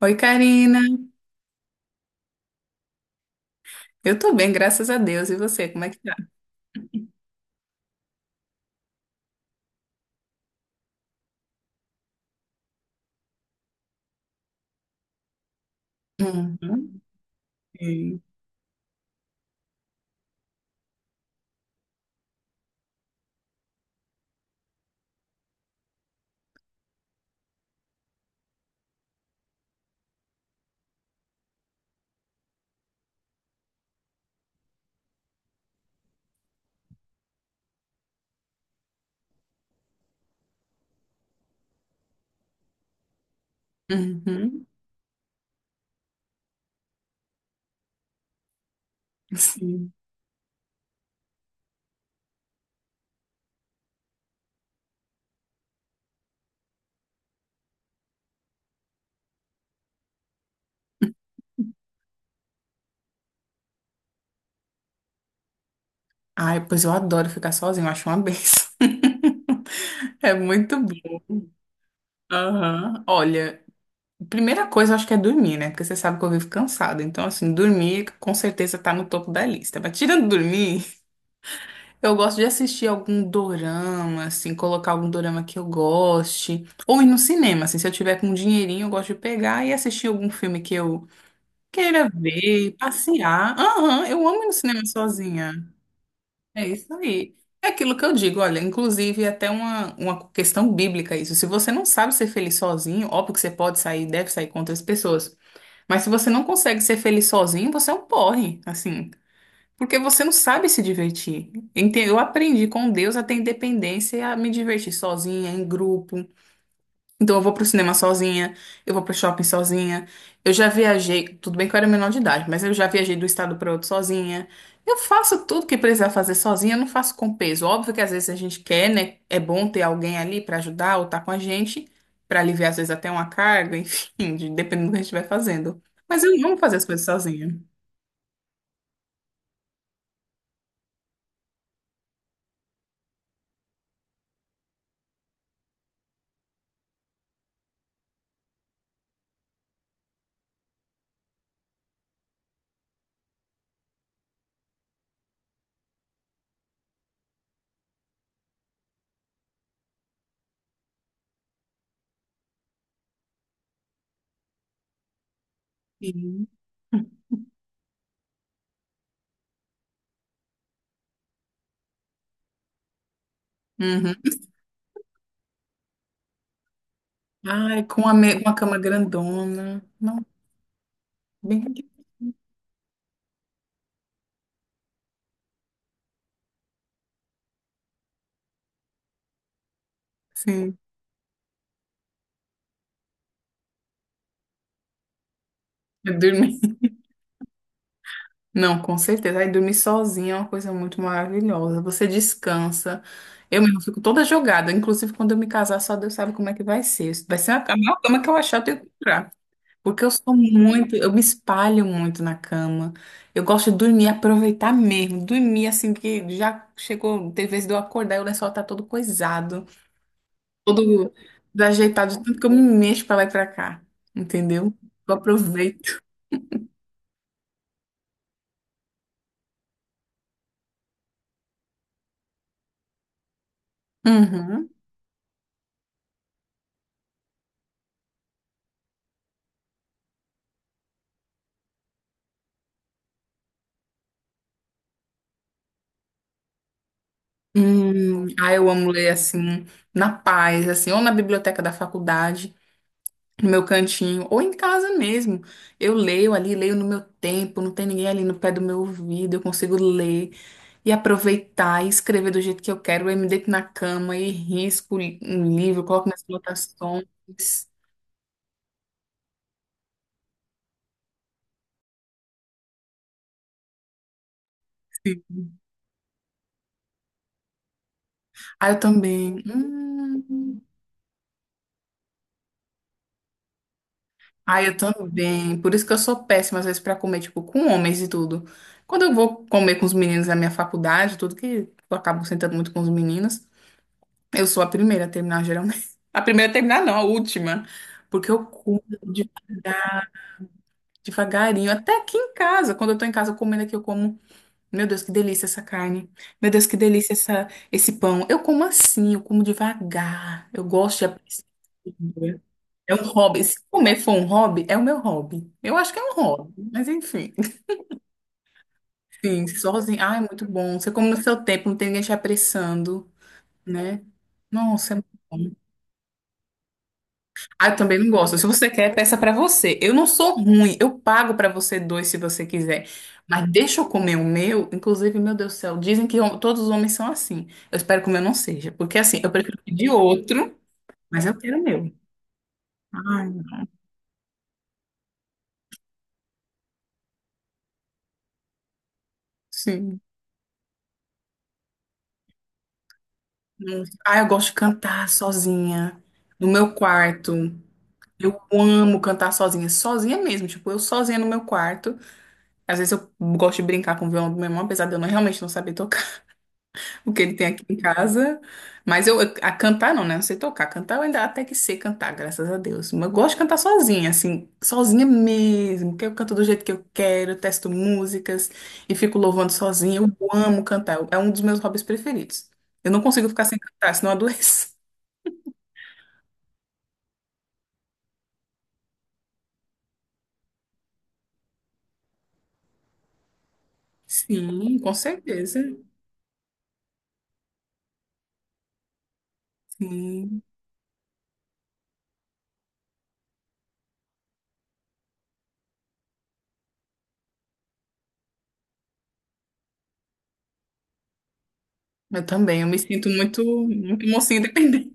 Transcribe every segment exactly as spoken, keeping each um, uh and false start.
Oi, Karina. Eu tô bem, graças a Deus. E você, como é que tá? Uhum. Sim. Uhum. Sim. Ai, pois eu adoro ficar sozinho. Eu acho uma benção. É muito bom. Aham. Olha, primeira coisa eu acho que é dormir, né? Porque você sabe que eu vivo cansada. Então, assim, dormir com certeza tá no topo da lista. Mas tirando dormir, eu gosto de assistir algum dorama, assim, colocar algum dorama que eu goste. Ou ir no cinema, assim, se eu tiver com um dinheirinho, eu gosto de pegar e assistir algum filme que eu queira ver, passear. Aham, eu amo ir no cinema sozinha. É isso aí. É aquilo que eu digo, olha, inclusive é até uma, uma questão bíblica isso. Se você não sabe ser feliz sozinho, óbvio que você pode sair, deve sair com outras pessoas. Mas se você não consegue ser feliz sozinho, você é um porre, assim. Porque você não sabe se divertir. Ente- Eu aprendi com Deus a ter independência e a me divertir sozinha, em grupo. Então eu vou pro cinema sozinha, eu vou pro shopping sozinha. Eu já viajei, tudo bem que eu era menor de idade, mas eu já viajei do estado para outro sozinha. Eu faço tudo que precisar fazer sozinha, eu não faço com peso. Óbvio que às vezes a gente quer, né? É bom ter alguém ali para ajudar ou tá com a gente, para aliviar às vezes até uma carga, enfim, de- dependendo do que a gente vai fazendo. Mas eu amo fazer as coisas sozinha. Sim. Uhum. Ai, com a me- uma cama grandona. Não, bem assim. Eu dormi. Não, com certeza. Aí dormir sozinha é uma coisa muito maravilhosa. Você descansa. Eu mesmo fico toda jogada. Inclusive, quando eu me casar, só Deus sabe como é que vai ser. Vai ser a a maior cama que eu achar, eu tenho que comprar. Porque eu sou muito, eu me espalho muito na cama. Eu gosto de dormir, aproveitar mesmo. Dormir assim que já chegou, tem vezes de eu acordar e o lençol tá todo coisado. Todo desajeitado, de tanto que eu me mexo pra lá e pra cá, entendeu? Eu aproveito. Uhum. Hum, ah, eu amo ler assim, na paz, assim, ou na biblioteca da faculdade, no meu cantinho, ou em casa mesmo. Eu leio ali, leio no meu tempo, não tem ninguém ali no pé do meu ouvido, eu consigo ler e aproveitar e escrever do jeito que eu quero. Eu me deito na cama e risco um livro, coloco minhas anotações. Sim. Ah, eu também. Hum. Ai, eu também. Por isso que eu sou péssima, às vezes, pra comer, tipo, com homens e tudo. Quando eu vou comer com os meninos da minha faculdade, tudo que eu acabo sentando muito com os meninos, eu sou a primeira a terminar, geralmente. A primeira a terminar, não, a última. Porque eu como devagar, devagarinho. Até aqui em casa, quando eu tô em casa comendo aqui, eu como. Meu Deus, que delícia essa carne. Meu Deus, que delícia essa, esse pão. Eu como assim, eu como devagar. Eu gosto de apreciar. É um hobby. Se comer for um hobby, é o meu hobby. Eu acho que é um hobby, mas enfim. Sim, sozinho. Ah, é muito bom. Você come no seu tempo, não tem ninguém te apressando, né? Nossa, é muito bom. Ah, eu também não gosto. Se você quer, peça pra você. Eu não sou ruim. Eu pago pra você dois se você quiser. Mas deixa eu comer o meu. Inclusive, meu Deus do céu, dizem que hom- todos os homens são assim. Eu espero que o meu não seja. Porque assim, eu prefiro pedir outro, mas eu quero o meu. Ai, sim. Muito. Ah, eu gosto de cantar sozinha, no meu quarto. Eu amo cantar sozinha, sozinha mesmo. Tipo, eu sozinha no meu quarto. Às vezes eu gosto de brincar com o violão do meu irmão, apesar de eu não- realmente não saber tocar o que ele tem aqui em casa. Mas eu, eu- a cantar não, né? Não sei tocar. Cantar eu ainda até que sei cantar, graças a Deus. Mas eu gosto de cantar sozinha, assim, sozinha mesmo. Porque eu canto do jeito que eu quero, eu testo músicas e fico louvando sozinha. Eu amo cantar. É um dos meus hobbies preferidos. Eu não consigo ficar sem cantar, senão eu adoeço. Sim, com certeza. Sim. Eu também, eu me sinto muito, muito mocinha independente.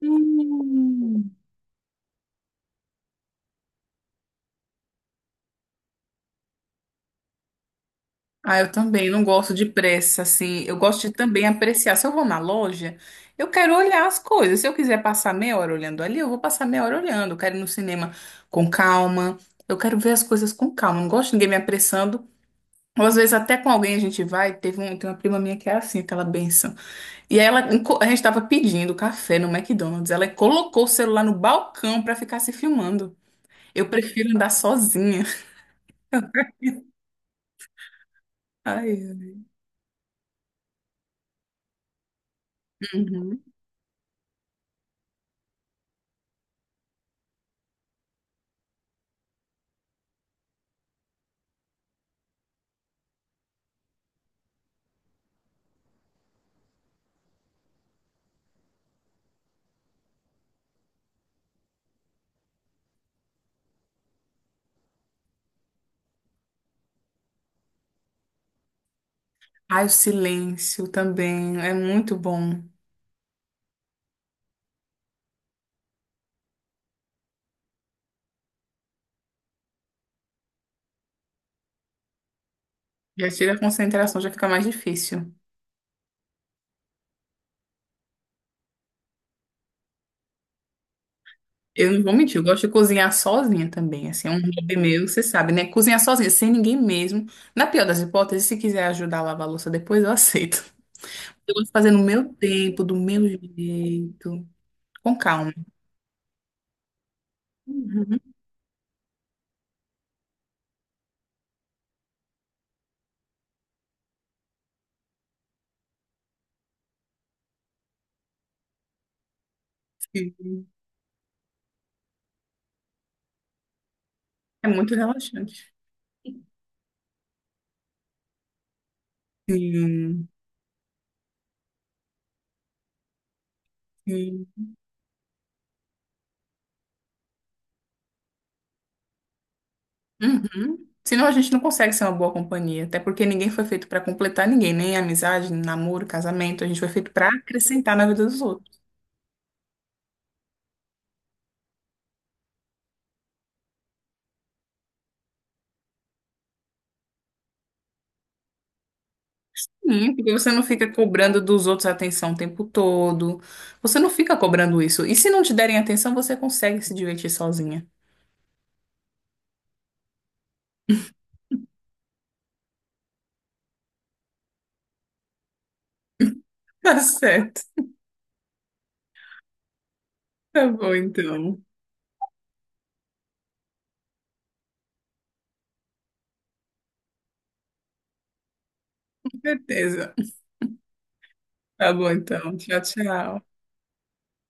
Hum. Ah, eu também não gosto de pressa, assim. Eu gosto de também apreciar. Se eu vou na loja, eu quero olhar as coisas. Se eu quiser passar meia hora olhando ali, eu vou passar meia hora olhando. Eu quero ir no cinema com calma. Eu quero ver as coisas com calma. Não gosto de ninguém me apressando. Ou às vezes até com alguém a gente vai. Teve um, tem uma prima minha que é assim, aquela benção. E aí ela, enco- a gente tava pedindo café no McDonald's. Ela colocou o celular no balcão pra ficar se filmando. Eu prefiro andar sozinha. Ai, uhum. Ai, o silêncio também é muito bom. Já tira a concentração, já fica mais difícil. Eu não vou mentir, eu gosto de cozinhar sozinha também. Assim, é um hobby meu, você sabe, né? Cozinhar sozinha, sem ninguém mesmo. Na pior das hipóteses, se quiser ajudar a lavar a louça depois, eu aceito. Eu gosto de fazer no meu tempo, do meu jeito, com calma. Uhum. É muito relaxante. Sim, sim. Uhum. Senão a gente não consegue ser uma boa companhia, até porque ninguém foi feito para completar ninguém, nem amizade, nem namoro, casamento. A gente foi feito para acrescentar na vida dos outros. Sim, porque você não fica cobrando dos outros atenção o tempo todo. Você não fica cobrando isso. E se não te derem atenção, você consegue se divertir sozinha. Tá certo. Tá bom, então. Com certeza. Tá bom, então. Tchau, tchau.